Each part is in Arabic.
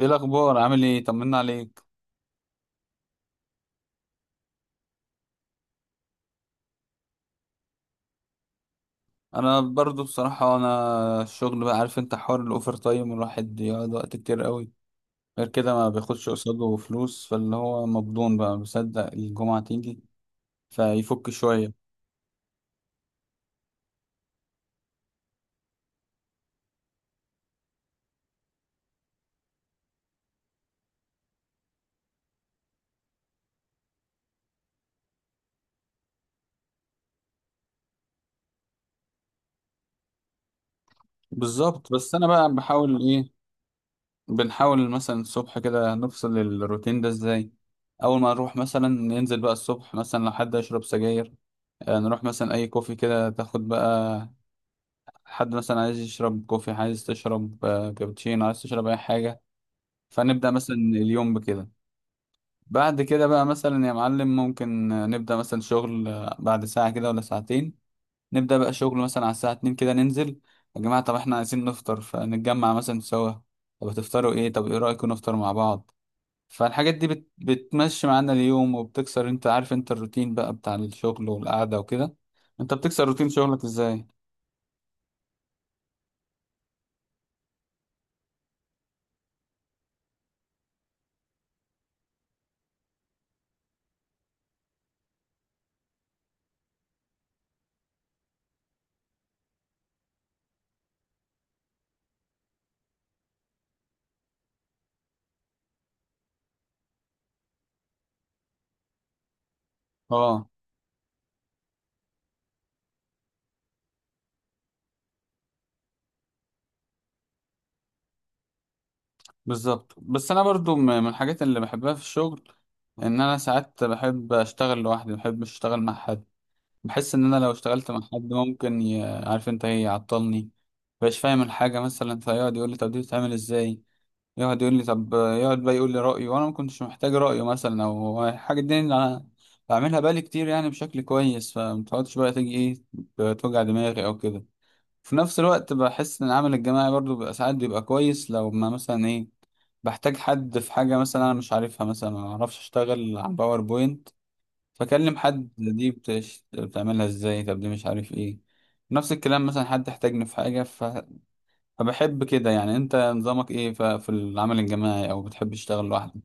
ايه الاخبار، عامل ايه؟ طمنا عليك. انا برضو بصراحه انا الشغل بقى، عارف انت، حوار الاوفر تايم الواحد يقعد وقت كتير قوي. غير كده ما بياخدش قصاده فلوس، فاللي هو مبدون بقى بيصدق الجمعه تيجي فيفك شويه. بالظبط، بس انا بقى بحاول ايه، بنحاول مثلا الصبح كده نفصل الروتين ده ازاي. اول ما نروح مثلا ننزل بقى الصبح، مثلا لو حد يشرب سجاير، نروح مثلا اي كوفي كده تاخد بقى. حد مثلا عايز يشرب كوفي، عايز تشرب كابتشينو، عايز تشرب اي حاجه. فنبدا مثلا اليوم بكده. بعد كده بقى مثلا يا معلم، ممكن نبدا مثلا شغل بعد ساعه كده ولا ساعتين. نبدا بقى شغل مثلا على الساعه 2 كده ننزل: يا جماعه طب احنا عايزين نفطر، فنتجمع مثلا سوا. طب هتفطروا ايه؟ طب ايه رايكم نفطر مع بعض؟ فالحاجات دي بتمشي معانا اليوم وبتكسر، انت عارف انت، الروتين بقى بتاع الشغل والقعده وكده. انت بتكسر روتين شغلك ازاي؟ اه. بالظبط. بس انا برضو من الحاجات اللي بحبها في الشغل ان انا ساعات بحب اشتغل لوحدي، ما بحبش اشتغل مع حد. بحس ان انا لو اشتغلت مع حد ممكن عارف انت ايه، يعطلني. مبقاش فاهم الحاجه مثلا، فيقعد يقول لي طب دي بتتعمل ازاي، يقعد يقول لي طب، يقعد بقى يقول لي رايه، وانا ما كنتش محتاج رايه، مثلا او الحاجه دي اللي انا بعملها بالي كتير، يعني بشكل كويس. فمتقعدش بقى تيجي ايه، توجع دماغي او كده. في نفس الوقت بحس ان العمل الجماعي برضو بيبقى ساعات بيبقى كويس، لو ما مثلا ايه، بحتاج حد في حاجة مثلا انا مش عارفها، مثلا ما اعرفش اشتغل على باوربوينت، فاكلم حد دي بتعملها ازاي، طب دي مش عارف ايه. نفس الكلام مثلا حد احتاجني في حاجة فبحب كده. يعني انت نظامك ايه في العمل الجماعي او بتحب تشتغل لوحدك؟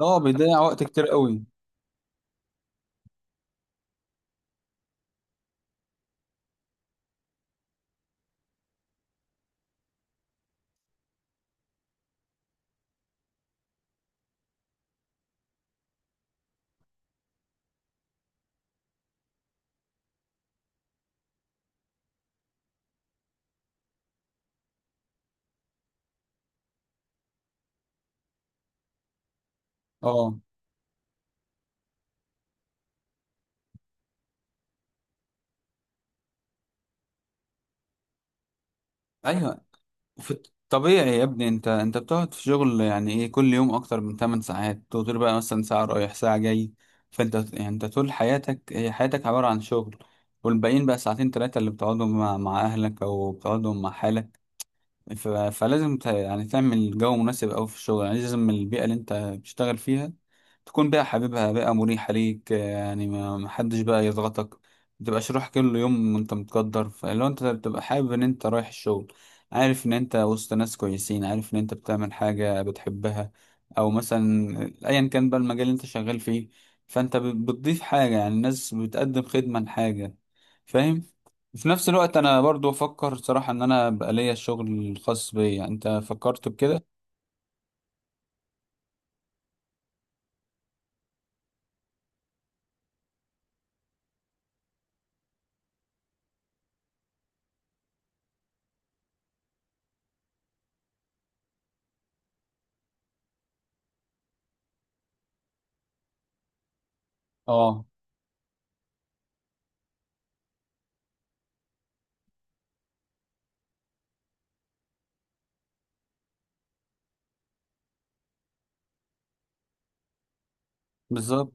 اه، بيضيع وقت كتير قوي. اه. ايوه، في الطبيعي يا ابني، انت بتقعد في شغل يعني ايه كل يوم اكتر من 8 ساعات، تقدر بقى مثلا ساعة رايح ساعة جاي. فانت يعني انت طول حياتك هي حياتك عبارة عن شغل. والباقيين بقى ساعتين تلاتة اللي بتقعدهم مع اهلك او بتقعدهم مع حالك. فلازم يعني تعمل جو مناسب أوي في الشغل، يعني لازم البيئة اللي أنت بتشتغل فيها تكون بيئة حبيبها، بيئة مريحة ليك، يعني ما حدش بقى يضغطك. متبقاش رايح كل يوم وأنت متقدر، فلو أنت بتبقى حابب إن أنت رايح الشغل، عارف إن أنت وسط ناس كويسين، عارف إن أنت بتعمل حاجة بتحبها، أو مثلا أيا كان بقى المجال اللي أنت شغال فيه، فأنت بتضيف حاجة، يعني الناس بتقدم خدمة لحاجة فاهم. في نفس الوقت انا برضو افكر صراحة ان انا بقى ليا الشغل الخاص بيا، انت فكرت بكده؟ اه. بالظبط.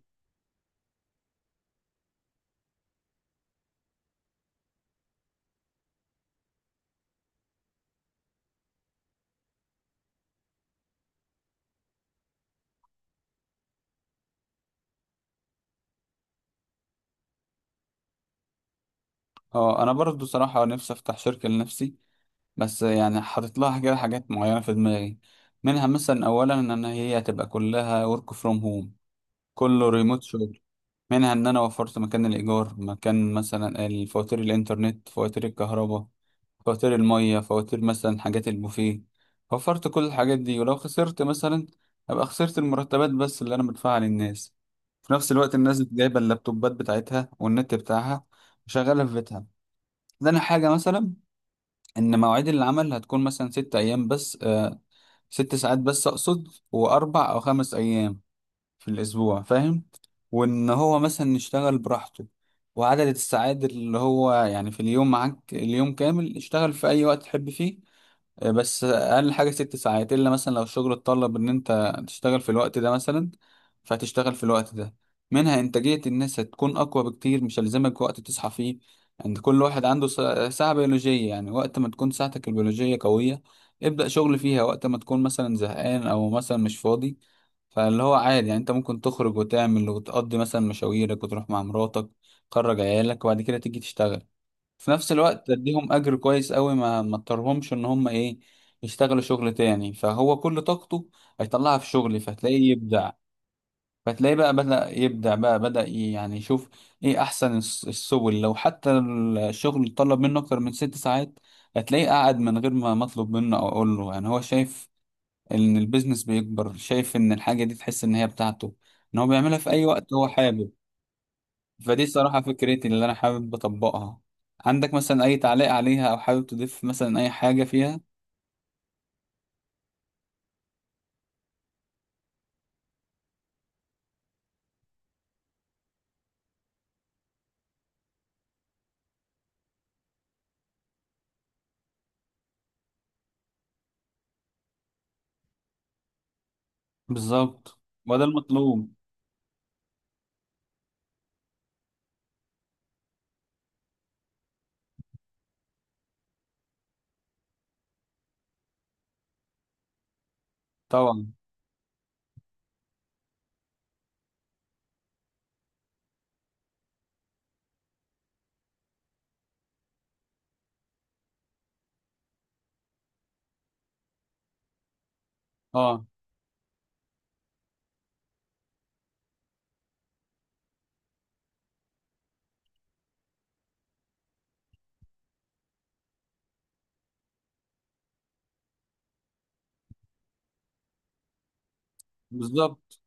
اه، انا برضو صراحة نفسي افتح شركة لنفسي، بس يعني حاطط لها كده حاجات معينة في دماغي. منها مثلا اولا ان أنا هي هتبقى كلها work from home، كله ريموت. منها ان انا وفرت مكان الايجار، مكان مثلا الفواتير، الانترنت، فواتير الكهرباء، فواتير المية، فواتير مثلا حاجات البوفيه، وفرت كل الحاجات دي. ولو خسرت مثلا، ابقى خسرت المرتبات بس اللي انا بدفعها للناس. في نفس الوقت الناس جايبه اللابتوبات بتاعتها والنت بتاعها وشغاله في بيتها. ده انا حاجه مثلا ان مواعيد العمل هتكون مثلا 6 ايام بس ست ساعات بس اقصد، واربع او خمس ايام في الأسبوع فاهم. وإن هو مثلا يشتغل براحته، وعدد الساعات اللي هو يعني في اليوم معاك، اليوم كامل، اشتغل في أي وقت تحب فيه. بس اقل حاجه 6 ساعات، الا مثلا لو الشغل اتطلب ان انت تشتغل في الوقت ده مثلا، فهتشتغل في الوقت ده. منها انتاجيه الناس هتكون اقوى بكتير، مش هلزمك وقت تصحى فيه. عند كل واحد عنده ساعه بيولوجيه، يعني وقت ما تكون ساعتك البيولوجيه قويه ابدا شغل فيها، وقت ما تكون مثلا زهقان او مثلا مش فاضي، فاللي هو عادي، يعني انت ممكن تخرج وتعمل وتقضي مثلا مشاويرك وتروح مع مراتك، تخرج عيالك، وبعد كده تيجي تشتغل. في نفس الوقت تديهم اجر كويس قوي، ما اضطرهمش ان هم ايه، يشتغلوا شغل تاني. فهو كل طاقته هيطلعها في شغل فتلاقيه يبدع. فتلاقيه بقى بدأ يبدع، بقى بدأ يعني يشوف ايه احسن السبل. لو حتى الشغل طلب منه اكتر من 6 ساعات، هتلاقيه قاعد من غير ما مطلوب منه او اقول له، يعني هو شايف ان البيزنس بيكبر، شايف ان الحاجة دي تحس ان هي بتاعته، ان هو بيعملها في اي وقت هو حابب. فدي الصراحة فكرتي اللي أنا حابب أطبقها. عندك مثلا أي تعليق عليها أو حابب تضيف مثلا أي حاجة فيها؟ بالظبط. وده المطلوب. طبعا. اه. بالظبط.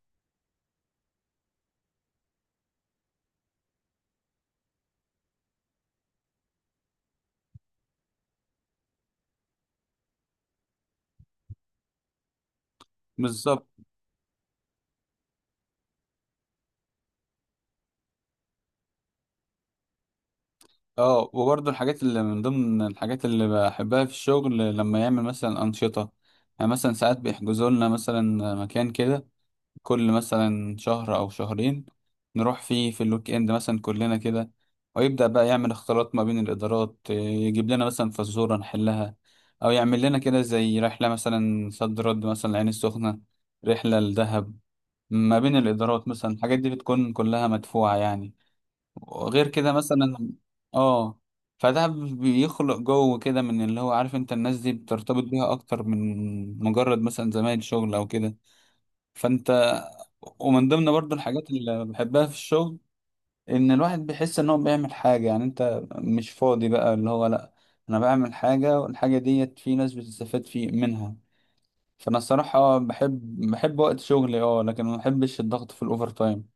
بالظبط. اه، وبرضه الحاجات اللي من ضمن الحاجات اللي بحبها في الشغل لما يعمل مثلا أنشطة، يعني مثلا ساعات بيحجزوا لنا مثلا مكان كده، كل مثلا شهر أو شهرين نروح فيه في الويك إند مثلا كلنا كده، ويبدأ بقى يعمل اختلاط ما بين الإدارات، إيه، يجيب لنا مثلا فزورة نحلها، أو يعمل لنا كده زي رحلة مثلا صد رد مثلا العين السخنة، رحلة لدهب ما بين الإدارات، مثلا الحاجات دي بتكون كلها مدفوعة يعني. وغير كده مثلا آه فده بيخلق جو كده من اللي هو عارف انت، الناس دي بترتبط بيها اكتر من مجرد مثلا زمايل شغل او كده. فانت، ومن ضمن برضو الحاجات اللي بحبها في الشغل ان الواحد بيحس ان هو بيعمل حاجة، يعني انت مش فاضي بقى اللي هو، لا انا بعمل حاجة والحاجة ديت في ناس بتستفاد في منها. فانا الصراحة بحب وقت شغلي. اه، لكن ما بحبش الضغط في الاوفر تايم.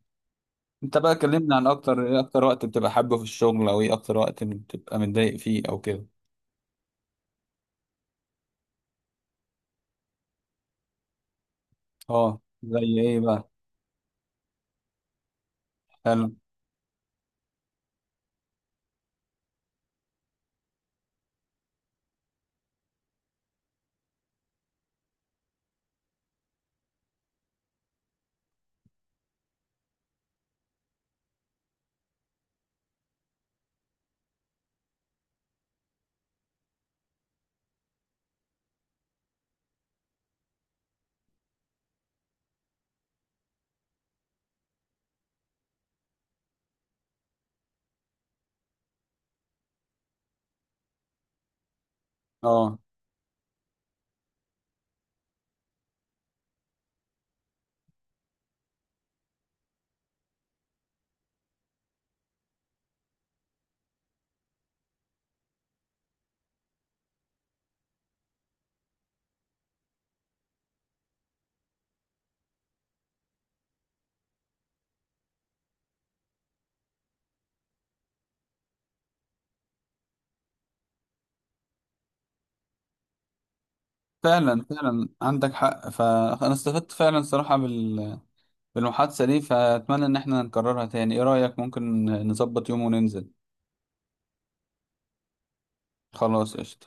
انت بقى كلمني عن اكتر اكتر وقت بتبقى حابه في الشغل، او ايه اكتر وقت بتبقى متضايق فيه او كده. اه، زي ايه بقى؟ فعلا. اه. فعلا، فعلا عندك حق. فانا استفدت فعلا صراحة بالمحادثة دي، فأتمنى إن احنا نكررها تاني. إيه رأيك، ممكن نظبط يوم وننزل؟ خلاص قشطة.